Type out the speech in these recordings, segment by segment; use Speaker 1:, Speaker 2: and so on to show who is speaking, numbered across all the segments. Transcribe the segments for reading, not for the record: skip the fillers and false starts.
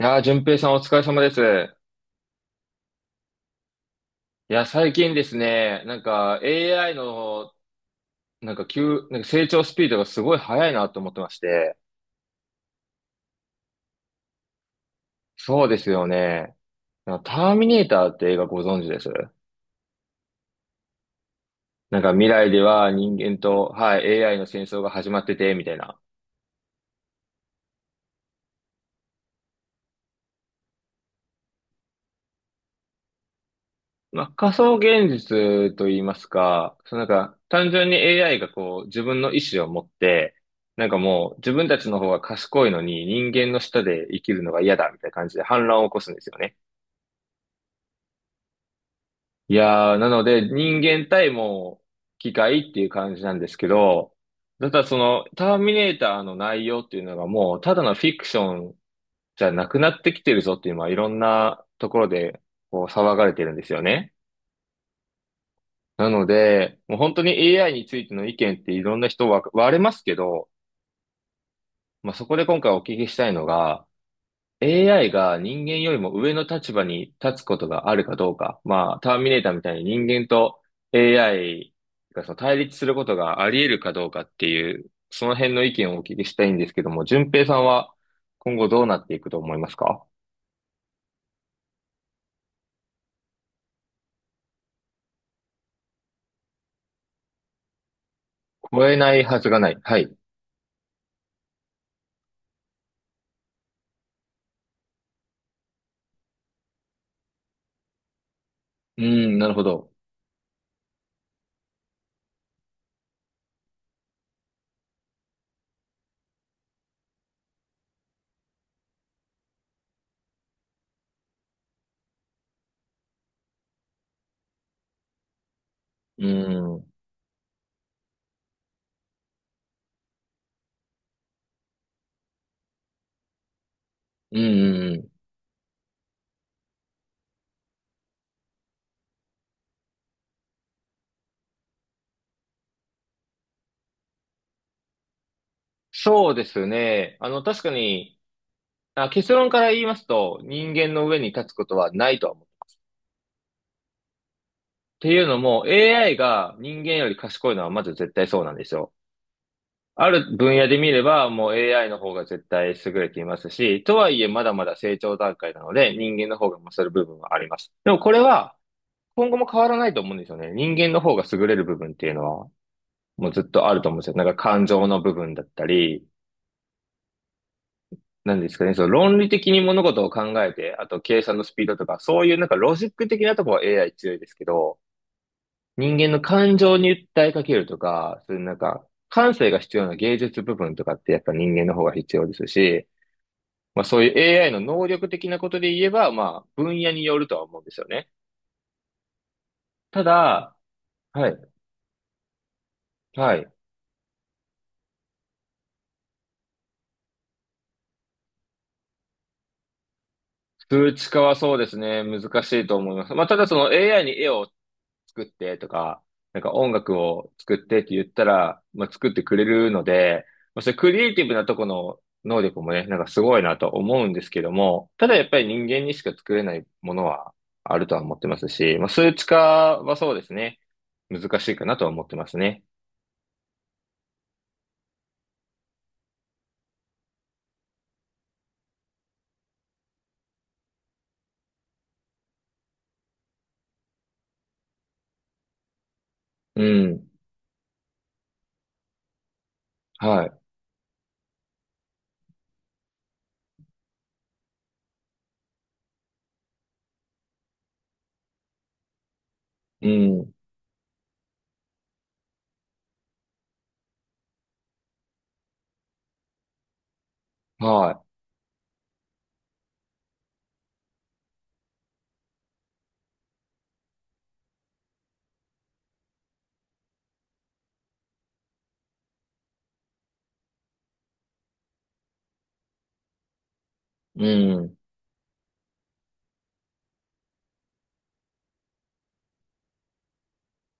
Speaker 1: いやー、淳平さんお疲れ様です。いや、最近ですね、AI の、なんか急、なんか成長スピードがすごい速いなと思ってまして。そうですよね。ターミネーターって映画ご存知です？未来では人間と、はい、AI の戦争が始まってて、みたいな。まあ、仮想現実と言いますか、その単純に AI がこう自分の意思を持って、もう自分たちの方が賢いのに人間の下で生きるのが嫌だみたいな感じで反乱を起こすんですよね。いやー、なので人間対もう機械っていう感じなんですけど、ただそのターミネーターの内容っていうのがもうただのフィクションじゃなくなってきてるぞっていうのはいろんなところでこう騒がれてるんですよね。なので、もう本当に AI についての意見っていろんな人は割れますけど、まあ、そこで今回お聞きしたいのが、AI が人間よりも上の立場に立つことがあるかどうか。まあ、ターミネーターみたいに人間と AI がその対立することがあり得るかどうかっていう、その辺の意見をお聞きしたいんですけども、順平さんは今後どうなっていくと思いますか？超えないはずがない。はい。うん、なるほど。うん、うん、うん。うん。そうですね。あの、確かに、あ、結論から言いますと、人間の上に立つことはないとは思う。っていうのも AI が人間より賢いのはまず絶対そうなんですよ。ある分野で見ればもう AI の方が絶対優れていますし、とはいえまだまだ成長段階なので人間の方が勝る部分はあります。でもこれは今後も変わらないと思うんですよね。人間の方が優れる部分っていうのはもうずっとあると思うんですよ。感情の部分だったり、なんですかね、その論理的に物事を考えて、あと計算のスピードとか、そういうロジック的なところは AI 強いですけど、人間の感情に訴えかけるとか、そういう、感性が必要な芸術部分とかってやっぱ人間の方が必要ですし、まあそういう AI の能力的なことで言えば、まあ分野によるとは思うんですよね。ただ、はい、はい。数値化はそうですね、難しいと思います。まあただその AI に絵を作ってとか、音楽を作ってって言ったら、まあ、作ってくれるので、まあ、それクリエイティブなとこの能力もね、すごいなと思うんですけども、ただやっぱり人間にしか作れないものはあるとは思ってますし、まあ、数値化はそうですね、難しいかなとは思ってますね。うん。はい。うん。はい。うん。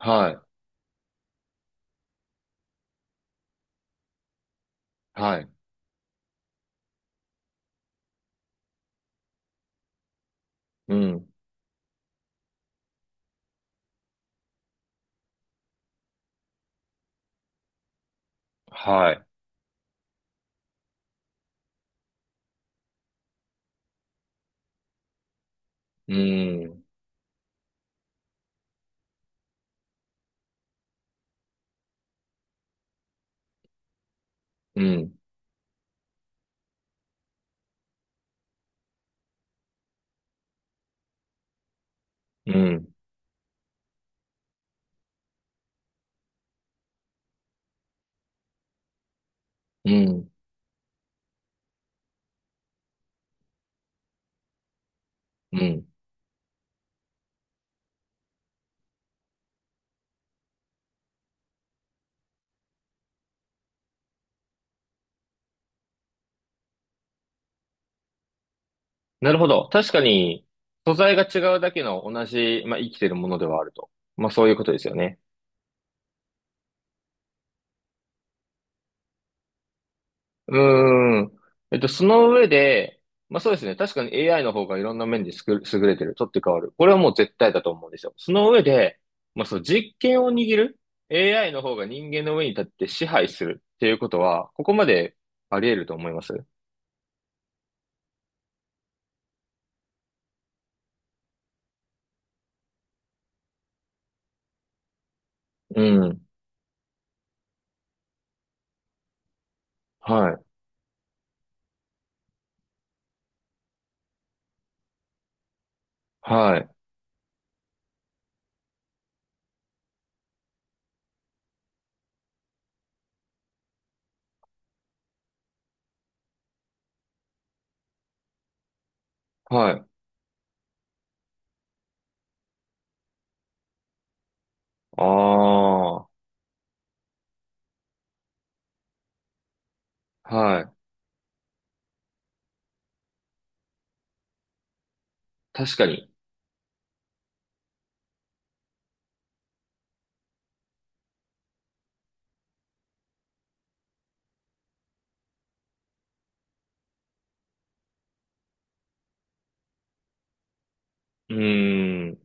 Speaker 1: はい。はい。うん。はい。うん。うん。うん。うん。うん。なるほど。確かに、素材が違うだけの同じ、まあ、生きてるものではあると。まあ、そういうことですよね。うーん。えっと、その上で、まあ、そうですね。確かに AI の方がいろんな面ですく優れてる。取って代わる。これはもう絶対だと思うんですよ。その上で、まあ、そう、実権を握る AI の方が人間の上に立って支配するっていうことは、ここまであり得ると思います。うん。はい。はい。はい。ああ。はい。確かに。うーん。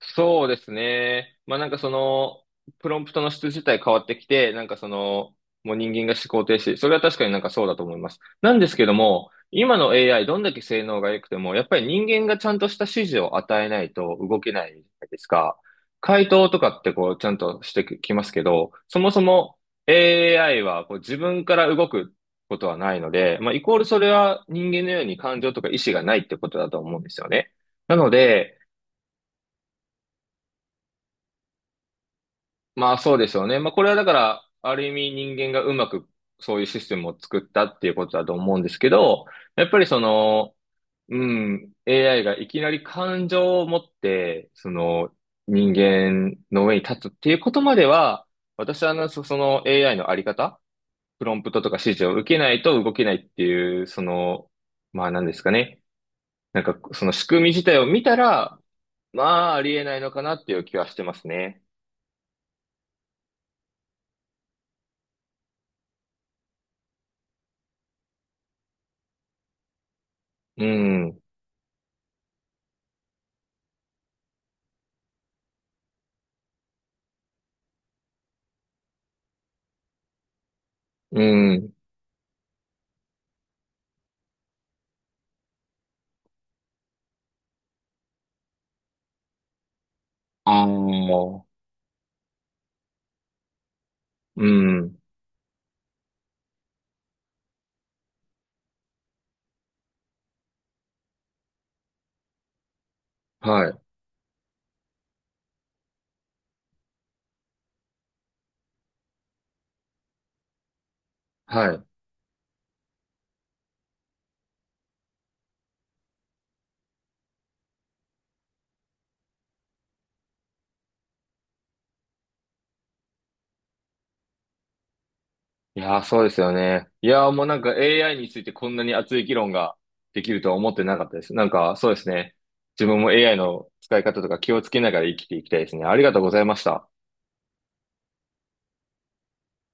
Speaker 1: そうですね。まあその、プロンプトの質自体変わってきて、その、もう人間が思考停止。それは確かにそうだと思います。なんですけども、今の AI どんだけ性能が良くても、やっぱり人間がちゃんとした指示を与えないと動けないじゃないですか。回答とかってこうちゃんとしてきますけど、そもそも AI はこう自分から動くことはないので、まあイコールそれは人間のように感情とか意思がないってことだと思うんですよね。なので、まあそうでしょうね。まあこれはだから、ある意味人間がうまくそういうシステムを作ったっていうことだと思うんですけど、やっぱりその、うん、AI がいきなり感情を持って、その人間の上に立つっていうことまでは、私はあのの AI のあり方、プロンプトとか指示を受けないと動けないっていう、その、まあ何ですかね。その仕組み自体を見たら、まあありえないのかなっていう気はしてますね。うん。うん。ああ、うん。はい。はい。いやー、そうですよね。いやー、もうAI についてこんなに熱い議論ができるとは思ってなかったです。なんか、そうですね。自分も AI の使い方とか気をつけながら生きていきたいですね。ありがとうございました。